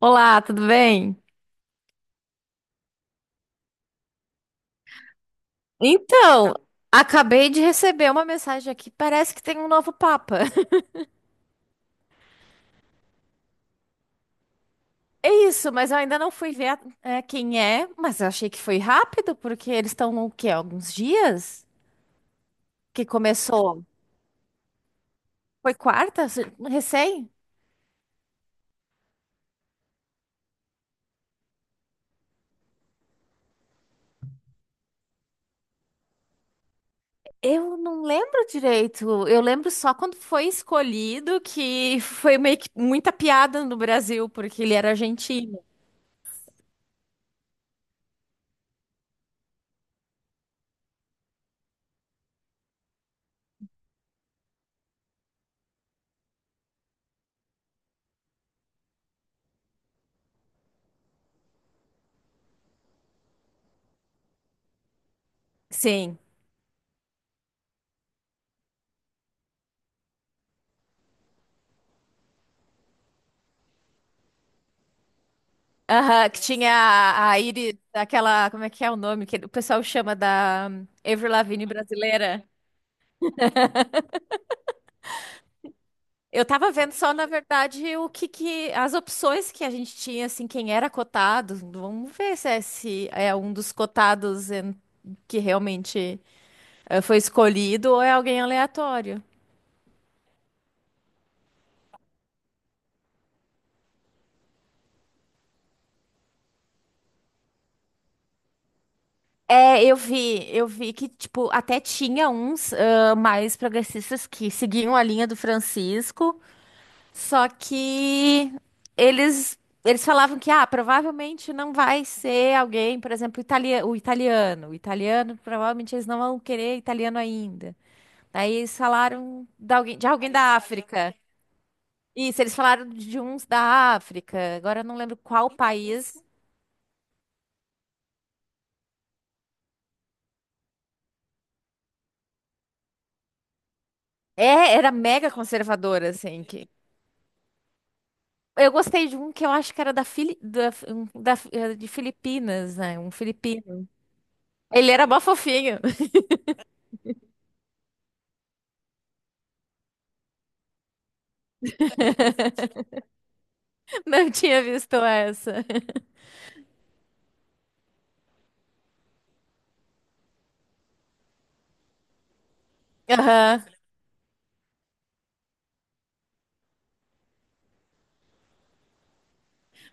Olá, tudo bem? Então, acabei de receber uma mensagem aqui. Parece que tem um novo Papa. É isso, mas eu ainda não fui ver quem é. Mas eu achei que foi rápido, porque eles estão o quê? Alguns dias que começou. Foi quarta, recém? Eu não lembro direito. Eu lembro só quando foi escolhido que foi meio que muita piada no Brasil, porque ele era argentino. Sim. Aham, que tinha a Iris, aquela, como é que é o nome que o pessoal chama da Avril Lavigne brasileira. Eu tava vendo só, na verdade, as opções que a gente tinha, assim, quem era cotado. Vamos ver se é um dos cotados que realmente foi escolhido ou é alguém aleatório. É, eu vi que, tipo, até tinha uns mais progressistas que seguiam a linha do Francisco. Só que eles eles falavam que ah, provavelmente não vai ser alguém, por exemplo, o italiano. O italiano, provavelmente eles não vão querer italiano ainda. Daí eles falaram de alguém da África. Isso, eles falaram de uns da África. Agora eu não lembro qual país. É, era mega conservadora, assim. Que... Eu gostei de um que eu acho que era da, Fili... da... um- da- eh, de Filipinas, né? Um filipino. Ele era mó fofinho. Não tinha visto essa. Aham.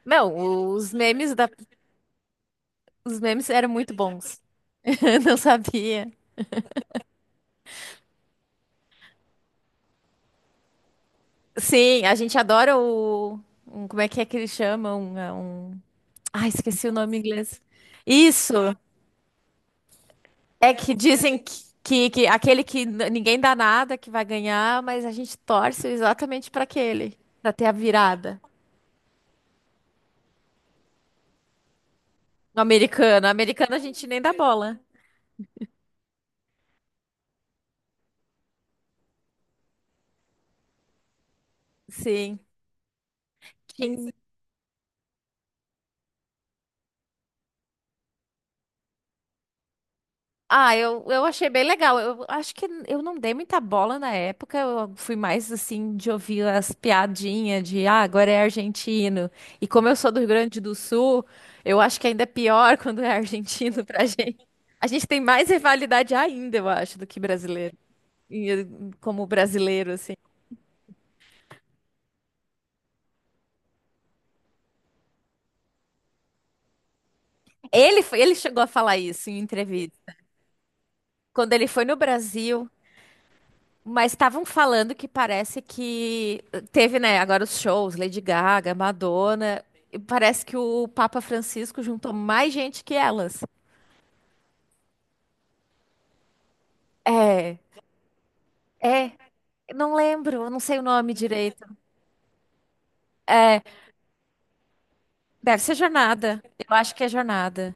Não, os memes da... os memes eram muito bons. Não sabia. Sim, a gente adora o. Como é que eles chamam? É um... Ah, esqueci o nome em inglês. Isso! É que dizem que aquele que ninguém dá nada que vai ganhar, mas a gente torce exatamente para aquele, para ter a virada. No americano. No americano a gente nem dá bola. Sim. Ah, eu achei bem legal. Eu acho que eu não dei muita bola na época. Eu fui mais assim de ouvir as piadinhas de ah, agora é argentino. E como eu sou do Rio Grande do Sul, eu acho que ainda é pior quando é argentino pra gente. A gente tem mais rivalidade ainda, eu acho, do que brasileiro. E, eh, Como brasileiro, assim. Ele, ele chegou a falar isso em entrevista. Quando ele foi no Brasil. Mas estavam falando que parece que teve, né, agora os shows, Lady Gaga, Madonna, e parece que o Papa Francisco juntou mais gente que elas. É, é, não lembro, eu não sei o nome direito. Deve ser Jornada. Eu acho que é Jornada.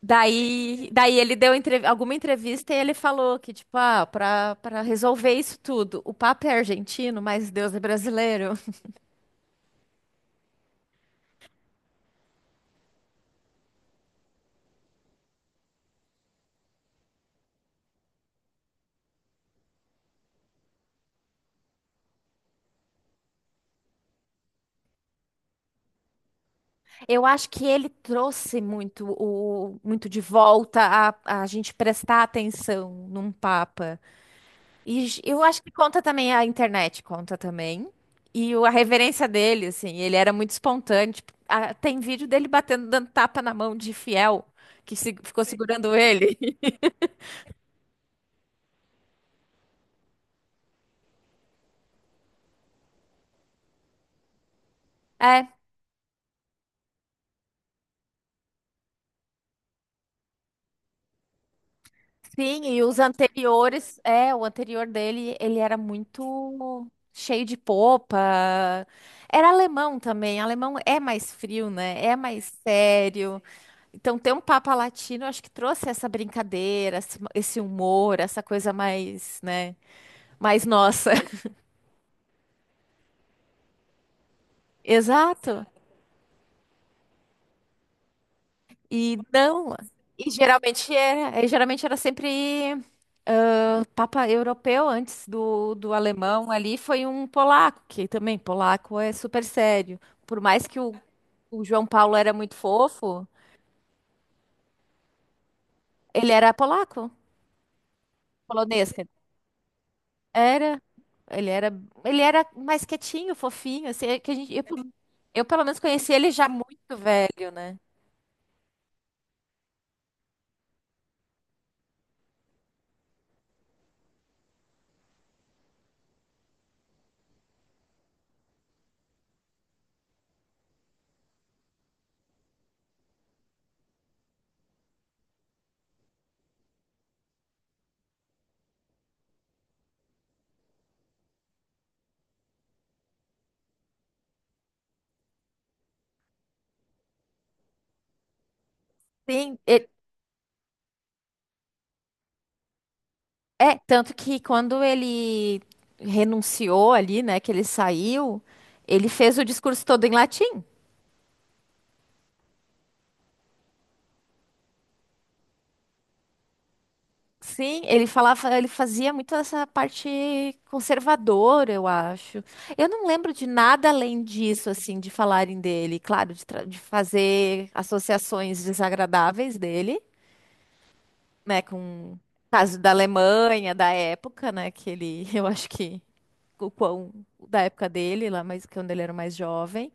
Daí ele deu alguma entrevista e ele falou que, tipo, ah, para resolver isso tudo, o Papa é argentino, mas Deus é brasileiro. Eu acho que ele trouxe muito o muito de volta a gente prestar atenção num papa. E j- eu acho que conta também a internet, conta também. A reverência dele, assim, ele era muito espontâneo. Tipo, ah, tem vídeo dele batendo, dando tapa na mão de fiel que ficou segurando ele. Sim, e os anteriores, é, o anterior dele, ele era muito cheio de popa. Era alemão também. Alemão é mais frio, né? É mais sério. Então, ter um Papa Latino, acho que trouxe essa brincadeira, esse humor, essa coisa mais, né? Mais nossa. Exato. E não. E geralmente era sempre Papa europeu antes do alemão ali foi um polaco, que também polaco é super sério. Por mais o João Paulo era muito fofo, ele era polaco, polonês. Quer dizer. Era, ele era, ele era mais quietinho, fofinho, assim, é que a gente, eu pelo menos conheci ele já muito velho, né? Sim, e- É, tanto que quando ele renunciou ali, né, que ele saiu, ele fez o discurso todo em latim. Sim, ele fazia muito essa parte conservadora, eu acho. Eu não lembro de nada além disso, assim, de falarem dele, claro, de fazer associações desagradáveis dele, né, com o caso da Alemanha, da época, né, que ele, eu acho que o quão da época dele, lá, mas quando ele era mais jovem.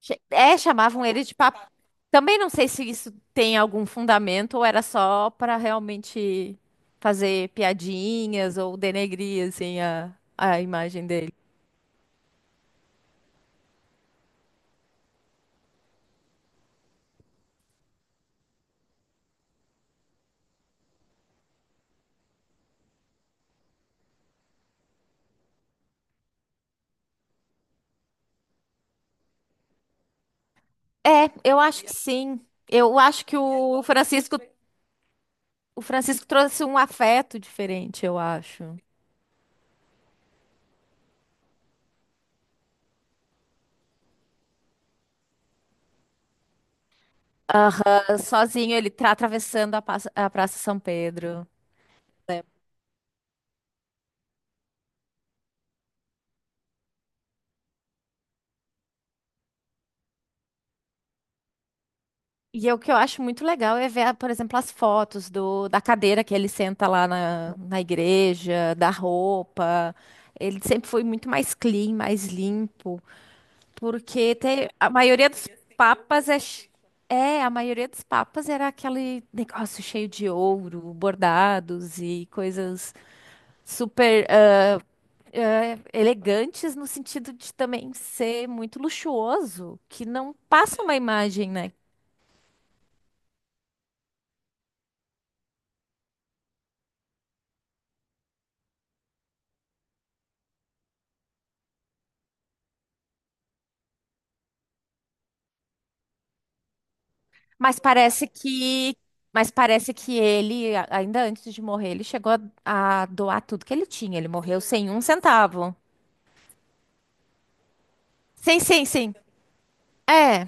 É, chamavam ele de. Também não sei se isso tem algum fundamento ou era só para realmente fazer piadinhas ou denegrir assim a imagem dele. É, eu acho que sim. Eu acho que o Francisco trouxe um afeto diferente, eu acho. Aham, sozinho ele tá atravessando a Praça São Pedro. E é o que eu acho muito legal é ver, por exemplo, as fotos da cadeira que ele senta na igreja, da roupa. Ele sempre foi muito mais clean, mais limpo, porque tem, a maioria dos papas é, ch- é, a maioria dos papas era aquele negócio cheio de ouro, bordados e coisas super elegantes no sentido de também ser muito luxuoso, que não passa uma imagem, né? Mas parece que, mas parece que ele, ainda antes de morrer, ele chegou a doar tudo que ele tinha. Ele morreu sem um centavo. Sim, sim, sim. É.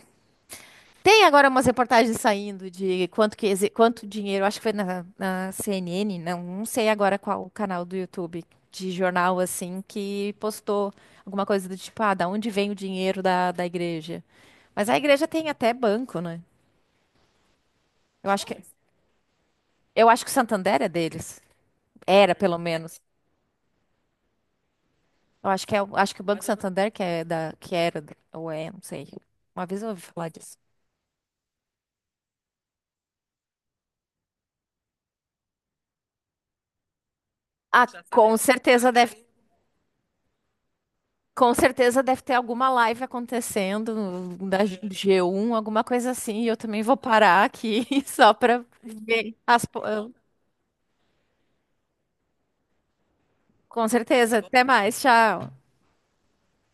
Tem agora umas reportagens saindo de quanto dinheiro, acho que foi na CNN, não, não sei agora qual o canal do YouTube de jornal assim que postou alguma coisa do tipo, ah, da onde vem o dinheiro da igreja? Mas a igreja tem até banco, né? Eu acho que eu acho que o Santander é deles. Era, pelo menos. Eu acho que é, acho que o Banco Santander que é que era, ou é, não sei. Uma vez eu ouvi falar disso. Ah, com certeza deve, com certeza deve ter alguma live acontecendo da G1, alguma coisa assim, e eu também vou parar aqui só para ver com certeza. Até mais, tchau.